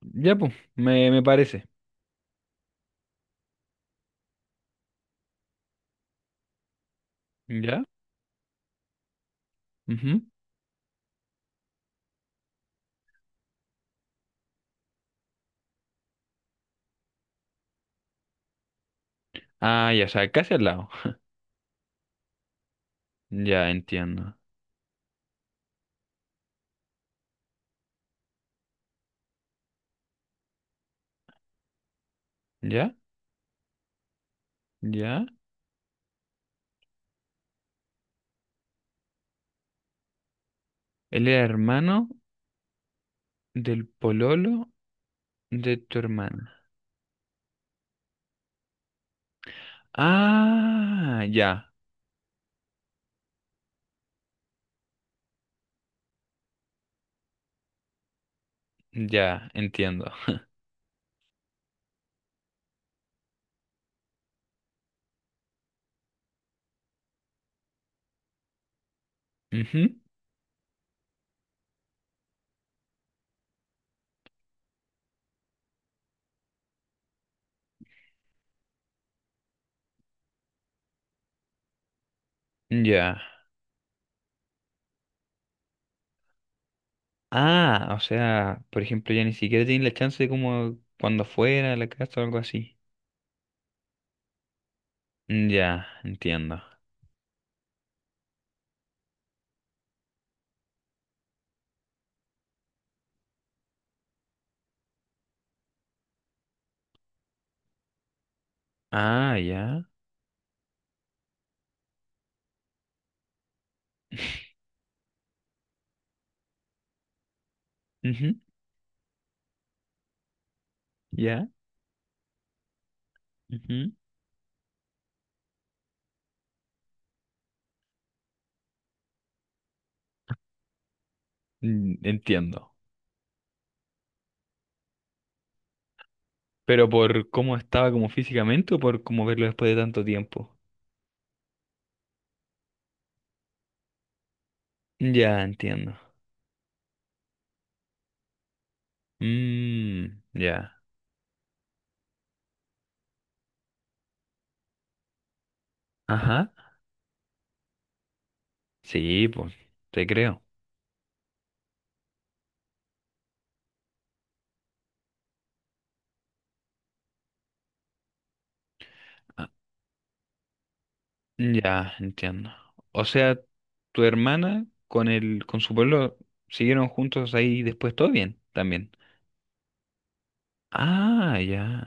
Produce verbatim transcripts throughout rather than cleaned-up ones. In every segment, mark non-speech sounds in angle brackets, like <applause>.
Ya, pues, me, me parece. ¿Ya? Ujú. Ah, ya, o sea, casi al lado. Ya, entiendo. ¿Ya? ¿Ya? Él era hermano del pololo de tu hermana. Ah, ya, ya, entiendo. <laughs> Ujú. Ya. Ah, o sea, por ejemplo, ya ni siquiera tiene la chance de como cuando fuera a la casa o algo así. Ya, entiendo. Ah, ya. <laughs> Ujú. Ya. Ujú. mm, Entiendo. ¿Pero por cómo estaba como físicamente o por cómo verlo después de tanto tiempo? Ya, entiendo. Mmm, ya. Ajá. Sí, pues, te creo. Ah, ya, entiendo. O sea, tu hermana con el, con su pueblo siguieron juntos ahí después todo bien, también. Ah, ya.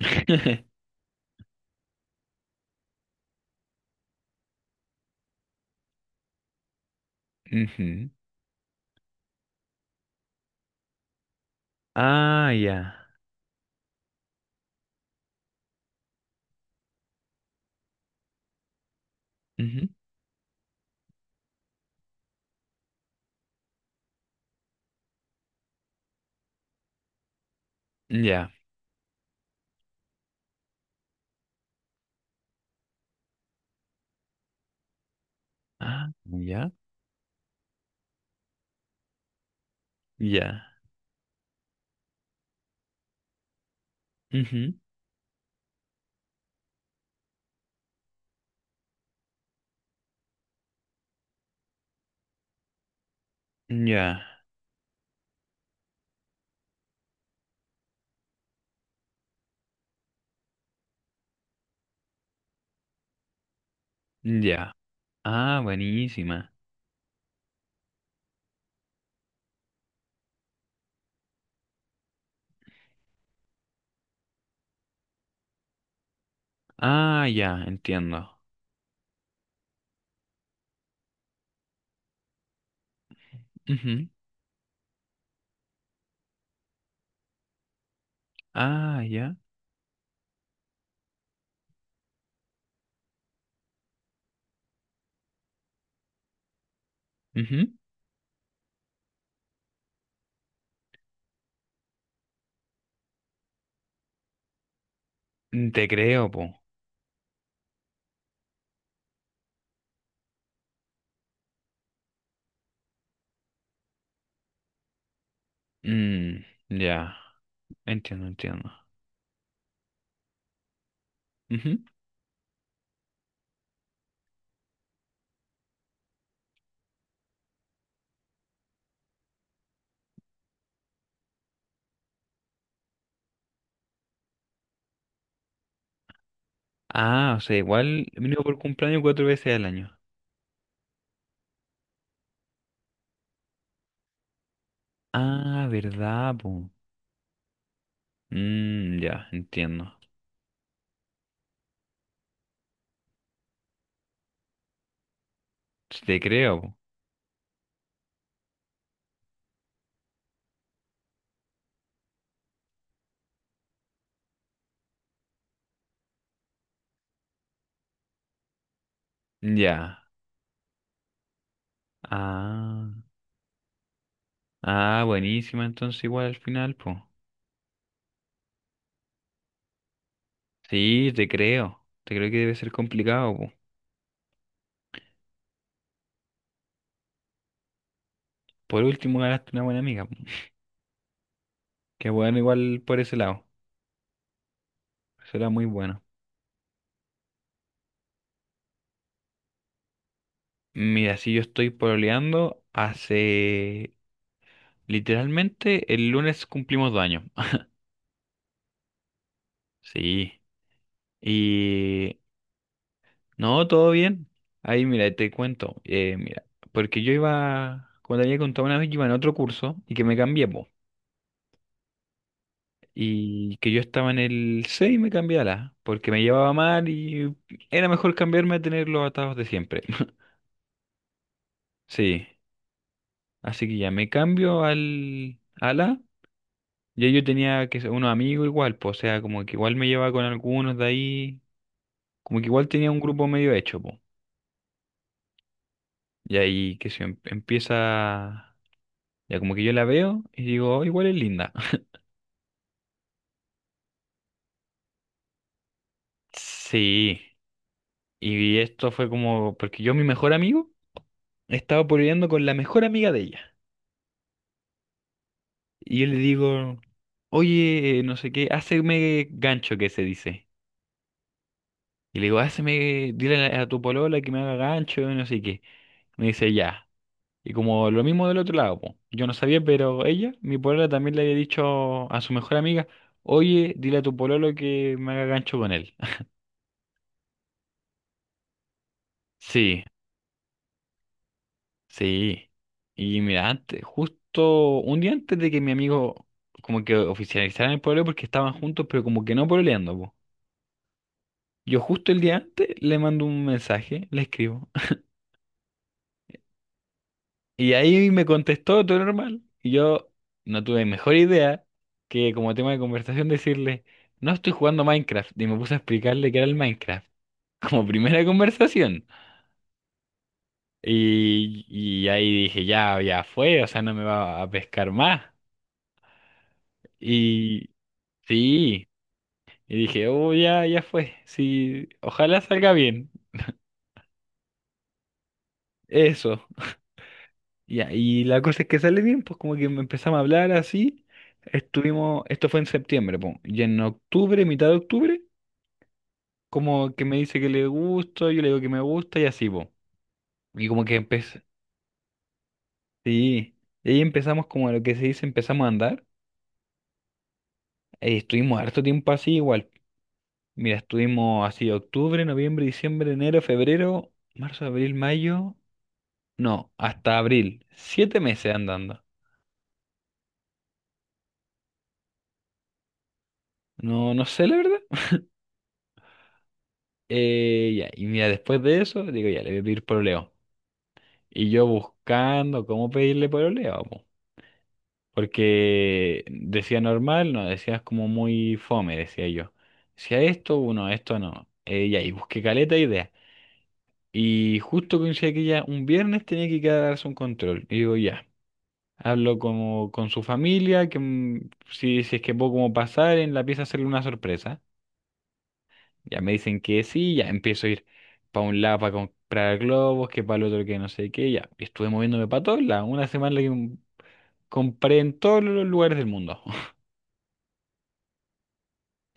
<laughs> Ujú. Ah, ya. Ujú. Ya. Ah, ya. Ya. Ujú. Ya. Ya. Ah, buenísima. Ah, ya, entiendo. Ujú. Ah, ya. Ujú. Mm, te creo, po. Mm, ya, entiendo, entiendo. Ujú. Ah, o sea, igual mínimo por cumpleaños cuatro veces al año. Ah, verdad, po. Mm, ya, entiendo. Sí, te creo, po. Ya. Ah, ah, buenísima entonces igual al final, po. Sí, te creo. Te creo que debe ser complicado, po. Por último, ganaste una buena amiga, po. Qué bueno igual por ese lado. Eso era muy bueno. Mira, si yo estoy pololeando hace, literalmente, el lunes cumplimos dos años. <laughs> Sí. Y... No, todo bien. Ahí, mira, te cuento. Eh, mira, porque yo iba, como te había contado una vez, yo iba en otro curso y que me cambié, po. Y que yo estaba en el C y me cambié a la A, porque me llevaba mal y era mejor cambiarme a tener los atados de siempre. <laughs> Sí. Así que ya me cambio al, ala. Ya yo tenía que ser unos amigos igual, pues, o sea, como que igual me llevaba con algunos de ahí, como que igual tenía un grupo medio hecho, pues. Y ahí que se empieza, ya como que yo la veo y digo, "Oh, igual es linda". <laughs> Sí, y esto fue como, porque yo mi mejor amigo estaba pololeando con la mejor amiga de ella. Y yo le digo, oye, eh, no sé qué, háceme gancho que se dice. Y le digo, háceme, dile a a tu polola que me haga gancho, no sé qué. Me dice, ya. Y como lo mismo del otro lado, po. Yo no sabía, pero ella, mi polola, también le había dicho a su mejor amiga, oye, dile a tu pololo que me haga gancho con él. <laughs> Sí, sí. Y mira, antes, justo un día antes de que mi amigo como que oficializaran el pololeo porque estaban juntos, pero como que no pololeando, po. Yo justo el día antes le mando un mensaje, le escribo. Y ahí me contestó todo normal. Y yo no tuve mejor idea que como tema de conversación decirle, no estoy jugando Minecraft. Y me puse a explicarle qué era el Minecraft. <laughs> Como primera conversación. Y, y ahí dije, ya, ya fue, o sea, no me va a pescar más. Y sí, y dije, oh, ya, ya fue. Sí, ojalá salga bien. Eso. Ya, y la cosa es que sale bien, pues como que me empezamos a hablar así. Estuvimos, esto fue en septiembre, pues, y en octubre, mitad de octubre, como que me dice que le gusto, yo le digo que me gusta y así, pues. Y como que empecé, sí, y ahí empezamos como lo que se dice, empezamos a andar. Y estuvimos harto tiempo así igual. Mira, estuvimos así octubre, noviembre, diciembre, enero, febrero, marzo, abril, mayo, no, hasta abril. Siete meses andando. No, no sé la verdad. Eh, ya, y mira, después de eso, digo, ya, le voy a pedir pololeo. Y yo buscando cómo pedirle pololeo, po. Porque decía normal, no, decías como muy fome, decía yo. Decía esto, uno, esto no. Eh, ya, y busqué caleta de idea. Y justo coincidía que ya un viernes tenía que ir a darse un control. Y digo, ya, hablo como con su familia, que mm, si, si es que puedo como pasar en la pieza hacerle una sorpresa. Ya me dicen que sí, ya empiezo a ir para un lado para comprar globos, que para el otro que no sé qué, ya. Y estuve moviéndome para todos lados, una semana que m- compré en todos los lugares del mundo. <laughs>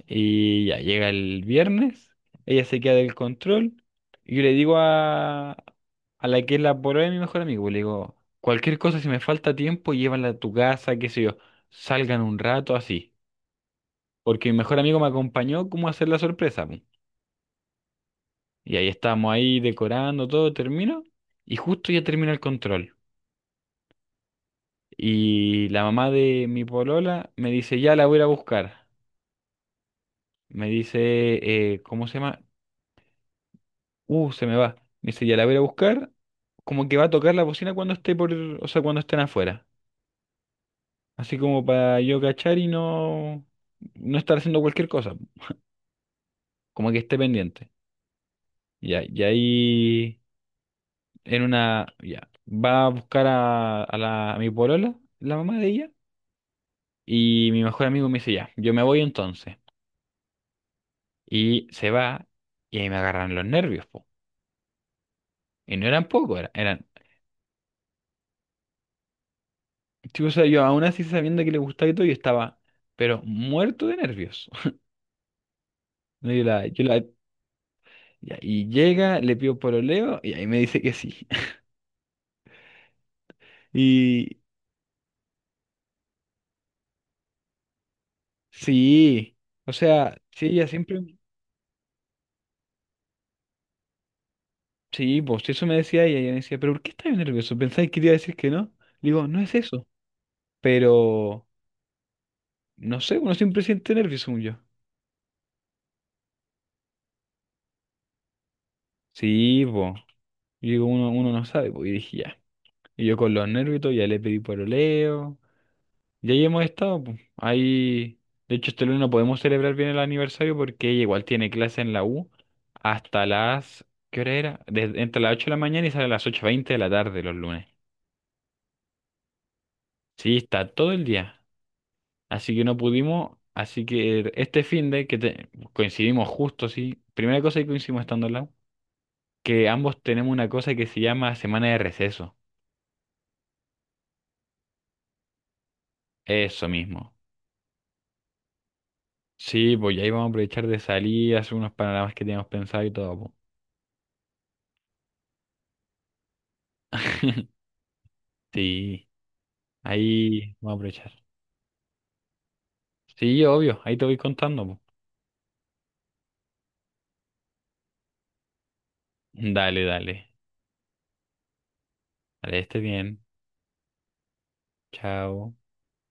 Y ya llega el viernes, ella se queda del control, y yo le digo a, a la que es la polola de mi mejor amigo, le digo, cualquier cosa, si me falta tiempo, llévala a tu casa, qué sé yo, salgan un rato así. Porque mi mejor amigo me acompañó como a hacer la sorpresa. Y ahí estábamos ahí decorando, todo termino. Y justo ya termina el control. Y la mamá de mi polola me dice, ya la voy a ir a buscar. Me dice, eh, ¿cómo se llama? Uh, se me va. Me dice, ya la voy a ir a buscar. Como que va a tocar la bocina cuando esté por, o sea, cuando estén afuera. Así como para yo cachar y no, no estar haciendo cualquier cosa. Como que esté pendiente. Ya, y ahí en una, ya, va a buscar a, a la, a mi polola, la mamá de ella. Y mi mejor amigo me dice, ya, yo me voy entonces. Y se va y ahí me agarran los nervios, po. Y no eran pocos, era- eran. Tipo, o sea, yo aún así sabiendo que le gustaba y todo, yo estaba, pero muerto de nervios. <laughs> Y yo la, yo la, ya, y llega, le pido pololeo y ahí me dice que sí. <laughs> Y sí, o sea, sí, ella siempre, sí, pues sí, eso me decía ella, y ella me decía, pero ¿por qué estás nervioso? ¿Pensáis que te iba a decir que no? Le digo, no es eso, pero no sé, uno siempre siente nervios, según yo. Sí, po. Y digo, uno, uno no sabe, pues, y dije, ya. Y yo con los nervios y todo, ya le pedí pololeo. Y ahí hemos estado, pues. Ahí, de hecho, este lunes no podemos celebrar bien el aniversario porque ella igual tiene clase en la U hasta las, ¿qué hora era? Desde, entre las ocho de la mañana y sale a las ocho veinte de la tarde los lunes. Sí, está todo el día. Así que no pudimos, así que este fin de que te- coincidimos justo, sí. Primera cosa que coincidimos estando en la U, que ambos tenemos una cosa que se llama semana de receso. Eso mismo. Sí, pues y ahí vamos a aprovechar de salir, hacer unos panoramas que teníamos pensado y todo, po. <laughs> Sí, ahí vamos a aprovechar. Sí, obvio, ahí te voy contando, po. Dale, dale. Dale, esté bien. Chao.